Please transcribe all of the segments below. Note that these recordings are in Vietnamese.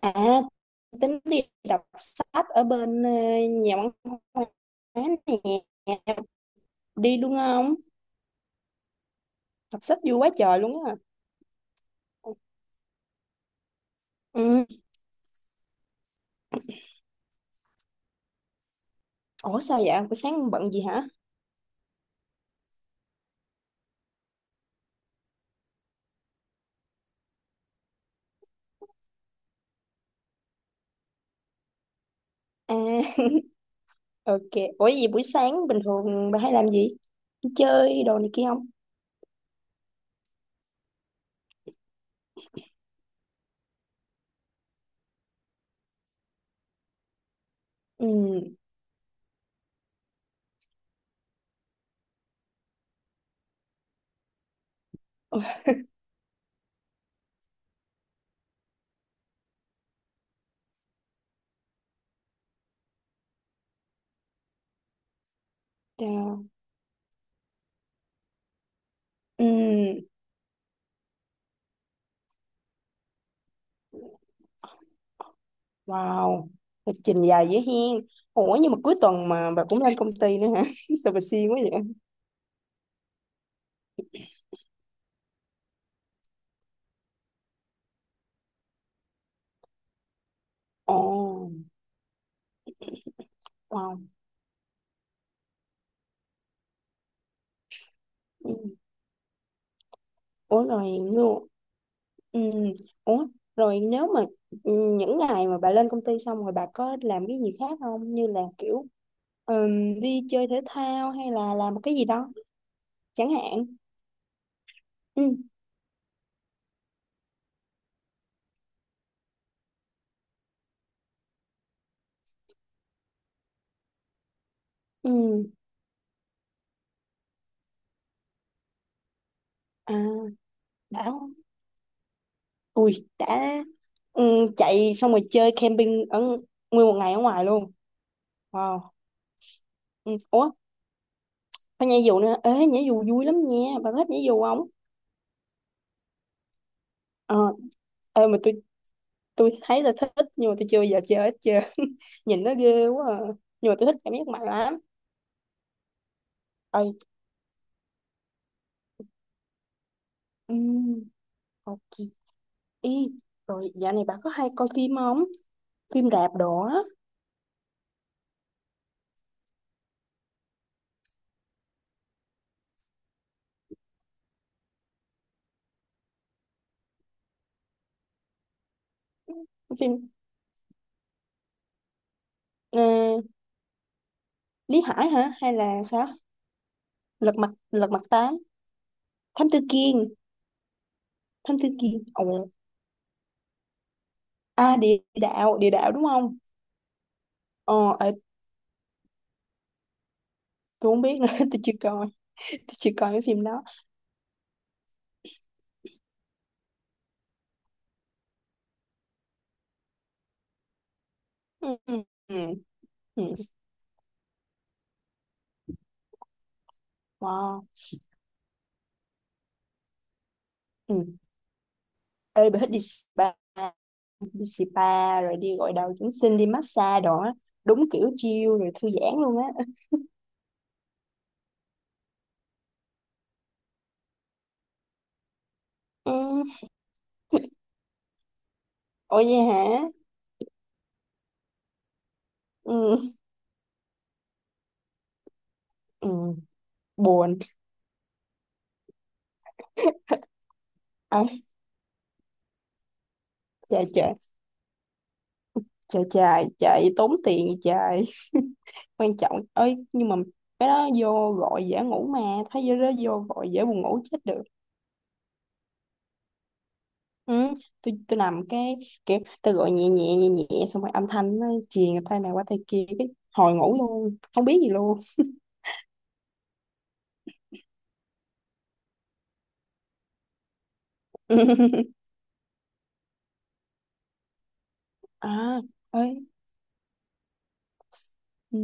À, tính đi đọc sách ở bên nhà văn hóa nè, đi luôn không? Đọc sách vui quá trời luôn á. Ừ. Ủa sao vậy? Buổi sáng bận gì hả? À, ok. Ủa gì buổi sáng bình thường bà hay làm gì? Đi chơi đồ này kia không? Ừ. Ôi, chao. Ừ. Wow. Lịch trình dài dữ hen. Ủa nhưng mà cuối tuần mà bà cũng lên công ty nữa hả? Sao bà siêng quá vậy? Ồ. Wow. Ừ. Ủa rồi. Ừ. Ủa, rồi nếu mà ừ, những ngày mà bà lên công ty xong rồi bà có làm cái gì khác không? Như là kiểu đi chơi thể thao hay là làm một cái gì đó chẳng hạn. Ừ. Ừ. À, đã, ui, đã, ừ, chạy xong rồi chơi camping ở nguyên một ngày ở ngoài luôn. Wow. Ừ. Ủa, phải nhảy dù nữa. Ê, nhảy dù vui lắm nha. Bà có thích nhảy dù không? Ờ, ê, mà tôi thấy là thích nhưng mà tôi chưa bao giờ chơi hết trơn. Nhìn nó ghê quá à. Nhưng mà tôi thích cảm giác mạnh lắm. Ê, ừm, ok. Ê, rồi dạo này bà có hay coi phim không? Phim rạp đồ á, phim ờ, Lý Hải hả? Hay là sao? Lật mặt tám, Thám Tử Kiên, Thám Tử Kiên. Ồ, à, địa đạo đúng không? Ờ, ê, tôi không biết nữa, tôi chưa coi, tôi chưa coi cái phim đó. Ừ, ừ, ừ, ừ. Wow. Ừ. Ê, bà thích đi spa rồi đi gội đầu dưỡng sinh, đi massage đồ á. Đúng kiểu chill rồi thư giãn luôn á. Ừ. Ủa vậy hả? Ừ. Ừ, buồn. À, trời, trời, trời, trời, trời tốn tiền vậy trời. Quan trọng ơi, nhưng mà cái đó vô gọi dễ ngủ mà, thấy vô đó vô gọi dễ buồn ngủ chết được. Ừ, tôi nằm cái kiểu tôi gọi nhẹ nhẹ nhẹ nhẹ xong rồi âm thanh nó truyền tay này qua tay kia cái hồi ngủ luôn không biết gì luôn. À, ơi. Ừ.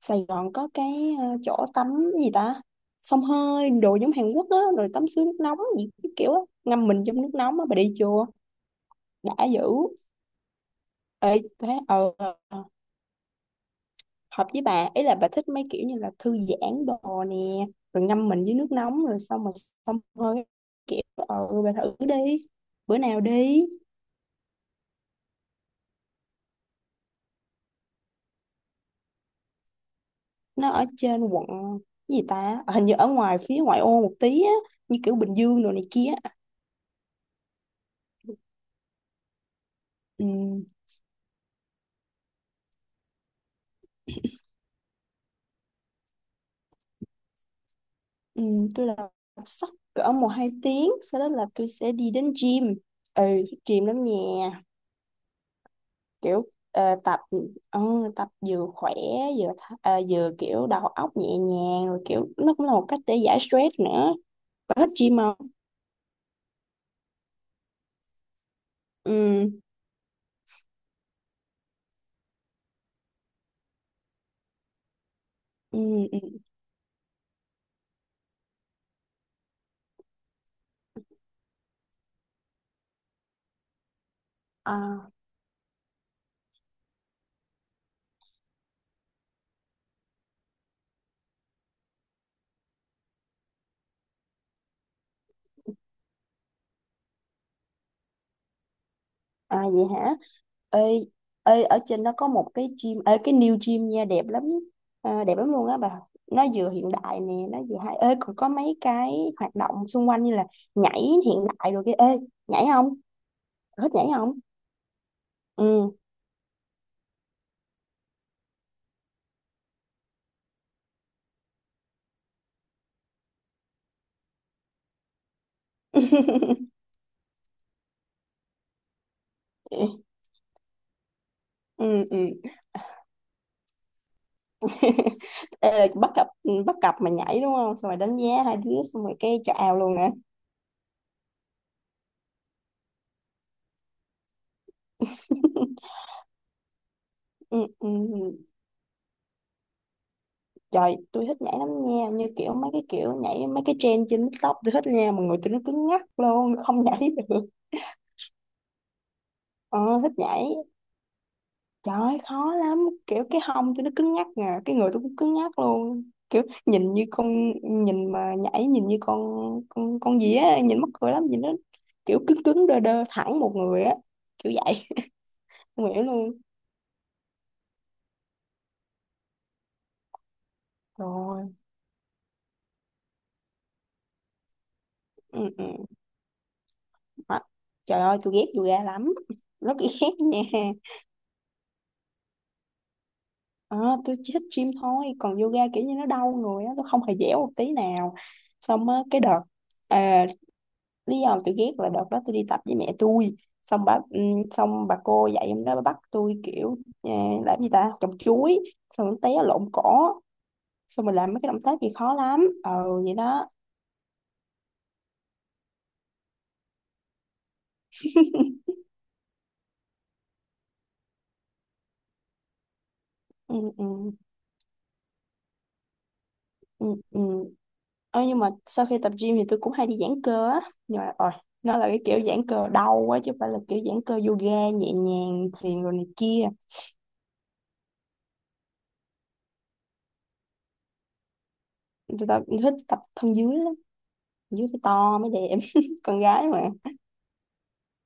Sài Gòn có cái chỗ tắm gì ta, xông hơi đồ giống Hàn Quốc á rồi tắm suối nước nóng gì cái kiểu á, ngâm mình trong nước nóng á, bà đi chưa? Đã dữ. Ê, thế, hợp với bà ấy là bà thích mấy kiểu như là thư giãn đồ nè, rồi ngâm mình dưới nước nóng rồi xong rồi xông hơi cái kiểu bà thử đi, bữa nào đi. Nó ở trên quận cái gì ta. Ờ, hình như ở ngoài phía ngoại ô một tí á, như kiểu Bình Dương đồ này kia. Ừ. Ừ, tôi là đọc sách cỡ một hai tiếng sau đó là tôi sẽ đi đến gym. Ừ, thích gym lắm nha, kiểu ờ, tập vừa khỏe, vừa vừa kiểu đầu óc nhẹ nhàng rồi kiểu nó cũng là một cách để giải stress nữa. Bà thích gym không? Ừ, ừ, ừ. À. À vậy hả? Ê, ở trên nó có một cái gym, ê, cái new gym nha, đẹp lắm, à, đẹp lắm luôn á bà. Nó vừa hiện đại nè, nó vừa hay. Ê, còn có mấy cái hoạt động xung quanh như là nhảy hiện đại rồi kia. Ê, nhảy không? Thích nhảy không? Ừ. Ừ, ừ. Ê, là bắt cặp mà nhảy đúng không? Xong rồi đánh giá hai đứa xong rồi cái chào luôn nè. Ừ, ừ. Trời, tôi thích nhảy lắm nha, như kiểu mấy cái kiểu nhảy mấy cái trend trên TikTok tôi thích nha, mà người tôi nó cứng ngắc luôn, không nhảy được. Ờ, thích nhảy. Trời, khó lắm, kiểu cái hông tôi nó cứng ngắc nè, cái người tôi cũng cứng ngắc luôn. Kiểu nhìn như con, nhìn mà nhảy nhìn như con gì á, nhìn mắc cười lắm, nhìn nó kiểu cứng cứng đơ đơ thẳng một người á, kiểu vậy. Không hiểu luôn. Rồi. Ừ, ừ. Hả? Trời ơi, tôi ghét yoga lắm. Rất ghét nha. À, tôi chỉ thích gym thôi, còn yoga kiểu như nó đau người á, tôi không hề dẻo một tí nào. Xong á, cái đợt, à, lý do mà tôi ghét là đợt đó tôi đi tập với mẹ tôi, xong bà cô dạy em đó bà bắt tôi kiểu làm gì ta, trồng chuối xong nó té lộn cỏ, xong mình làm mấy cái động tác gì khó lắm vậy đó. Ừ, ừ, ừ, ừ. Ờ, nhưng mà sau khi tập gym thì tôi cũng hay đi giãn cơ á, nhưng mà rồi nó là cái kiểu giãn cơ đau quá chứ không phải là kiểu giãn cơ yoga nhẹ nhàng thiền rồi này kia. Tôi tập, thích tập thân dưới lắm, dưới phải to mới đẹp, con gái mà.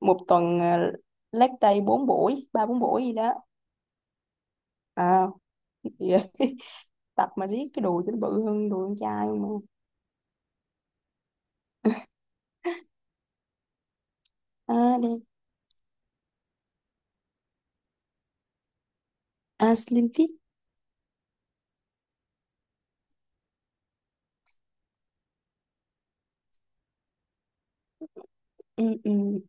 Một tuần leg day 4 buổi, 3-4 buổi gì đó. À, tập mà riết cái đùi cho nó bự hơn đùi con trai mà. À đi, à slim fit. Ừ, ừ,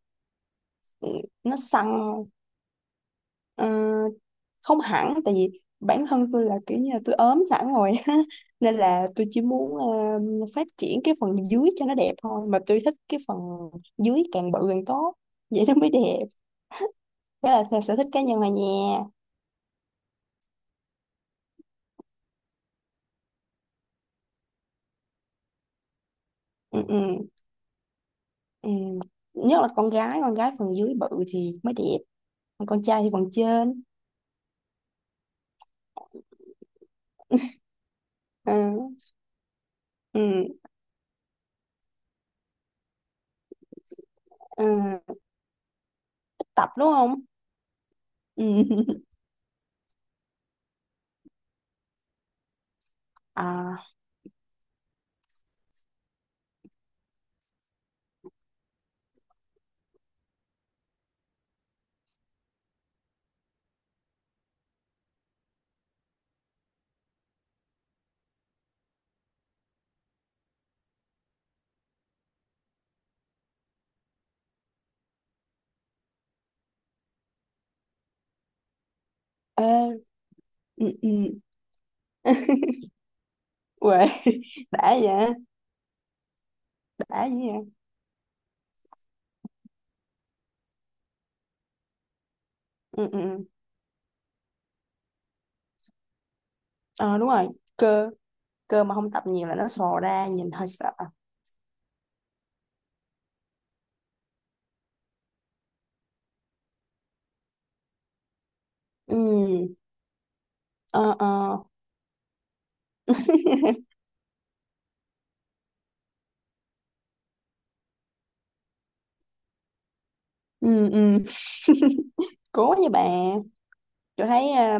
ừ, nó săn. Ờ, không hẳn, tại vì bản thân tôi là kiểu như là tôi ốm sẵn rồi á. Nên là tôi chỉ muốn phát triển cái phần dưới cho nó đẹp thôi, mà tôi thích cái phần dưới càng bự càng tốt, vậy nó mới đẹp. Đó là theo sở thích cá nhân là nha. Ừ, ừ, ừ. Nhất là con gái phần dưới bự thì mới đẹp, còn con trai thì phần trên. Ừ, ừ, ừ. Thích tập đúng không? Ừ. À, ê, ừ, ừ. Uầy, đã vậy, đã vậy. Hả? Ừ, ừ, ừ. Ờ đúng rồi, cơ cơ mà không tập nhiều là nó sò ra, nhìn hơi sợ. Ừ, ờ, ờ. Ừ, ừ. Cố nha bạn. Tôi thấy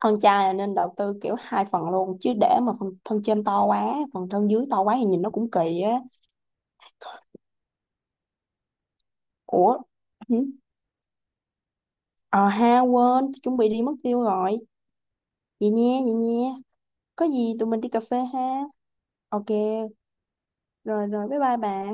thân chai là nên đầu tư kiểu hai phần luôn, chứ để mà phần thân trên to quá phần thân dưới to quá thì nhìn nó cũng kỳ á. Ủa, hử? Ờ ha, quên, tôi chuẩn bị đi mất tiêu rồi. Vậy nha, vậy nha. Có gì tụi mình đi cà phê ha. Ok. Rồi rồi, bye bye bà.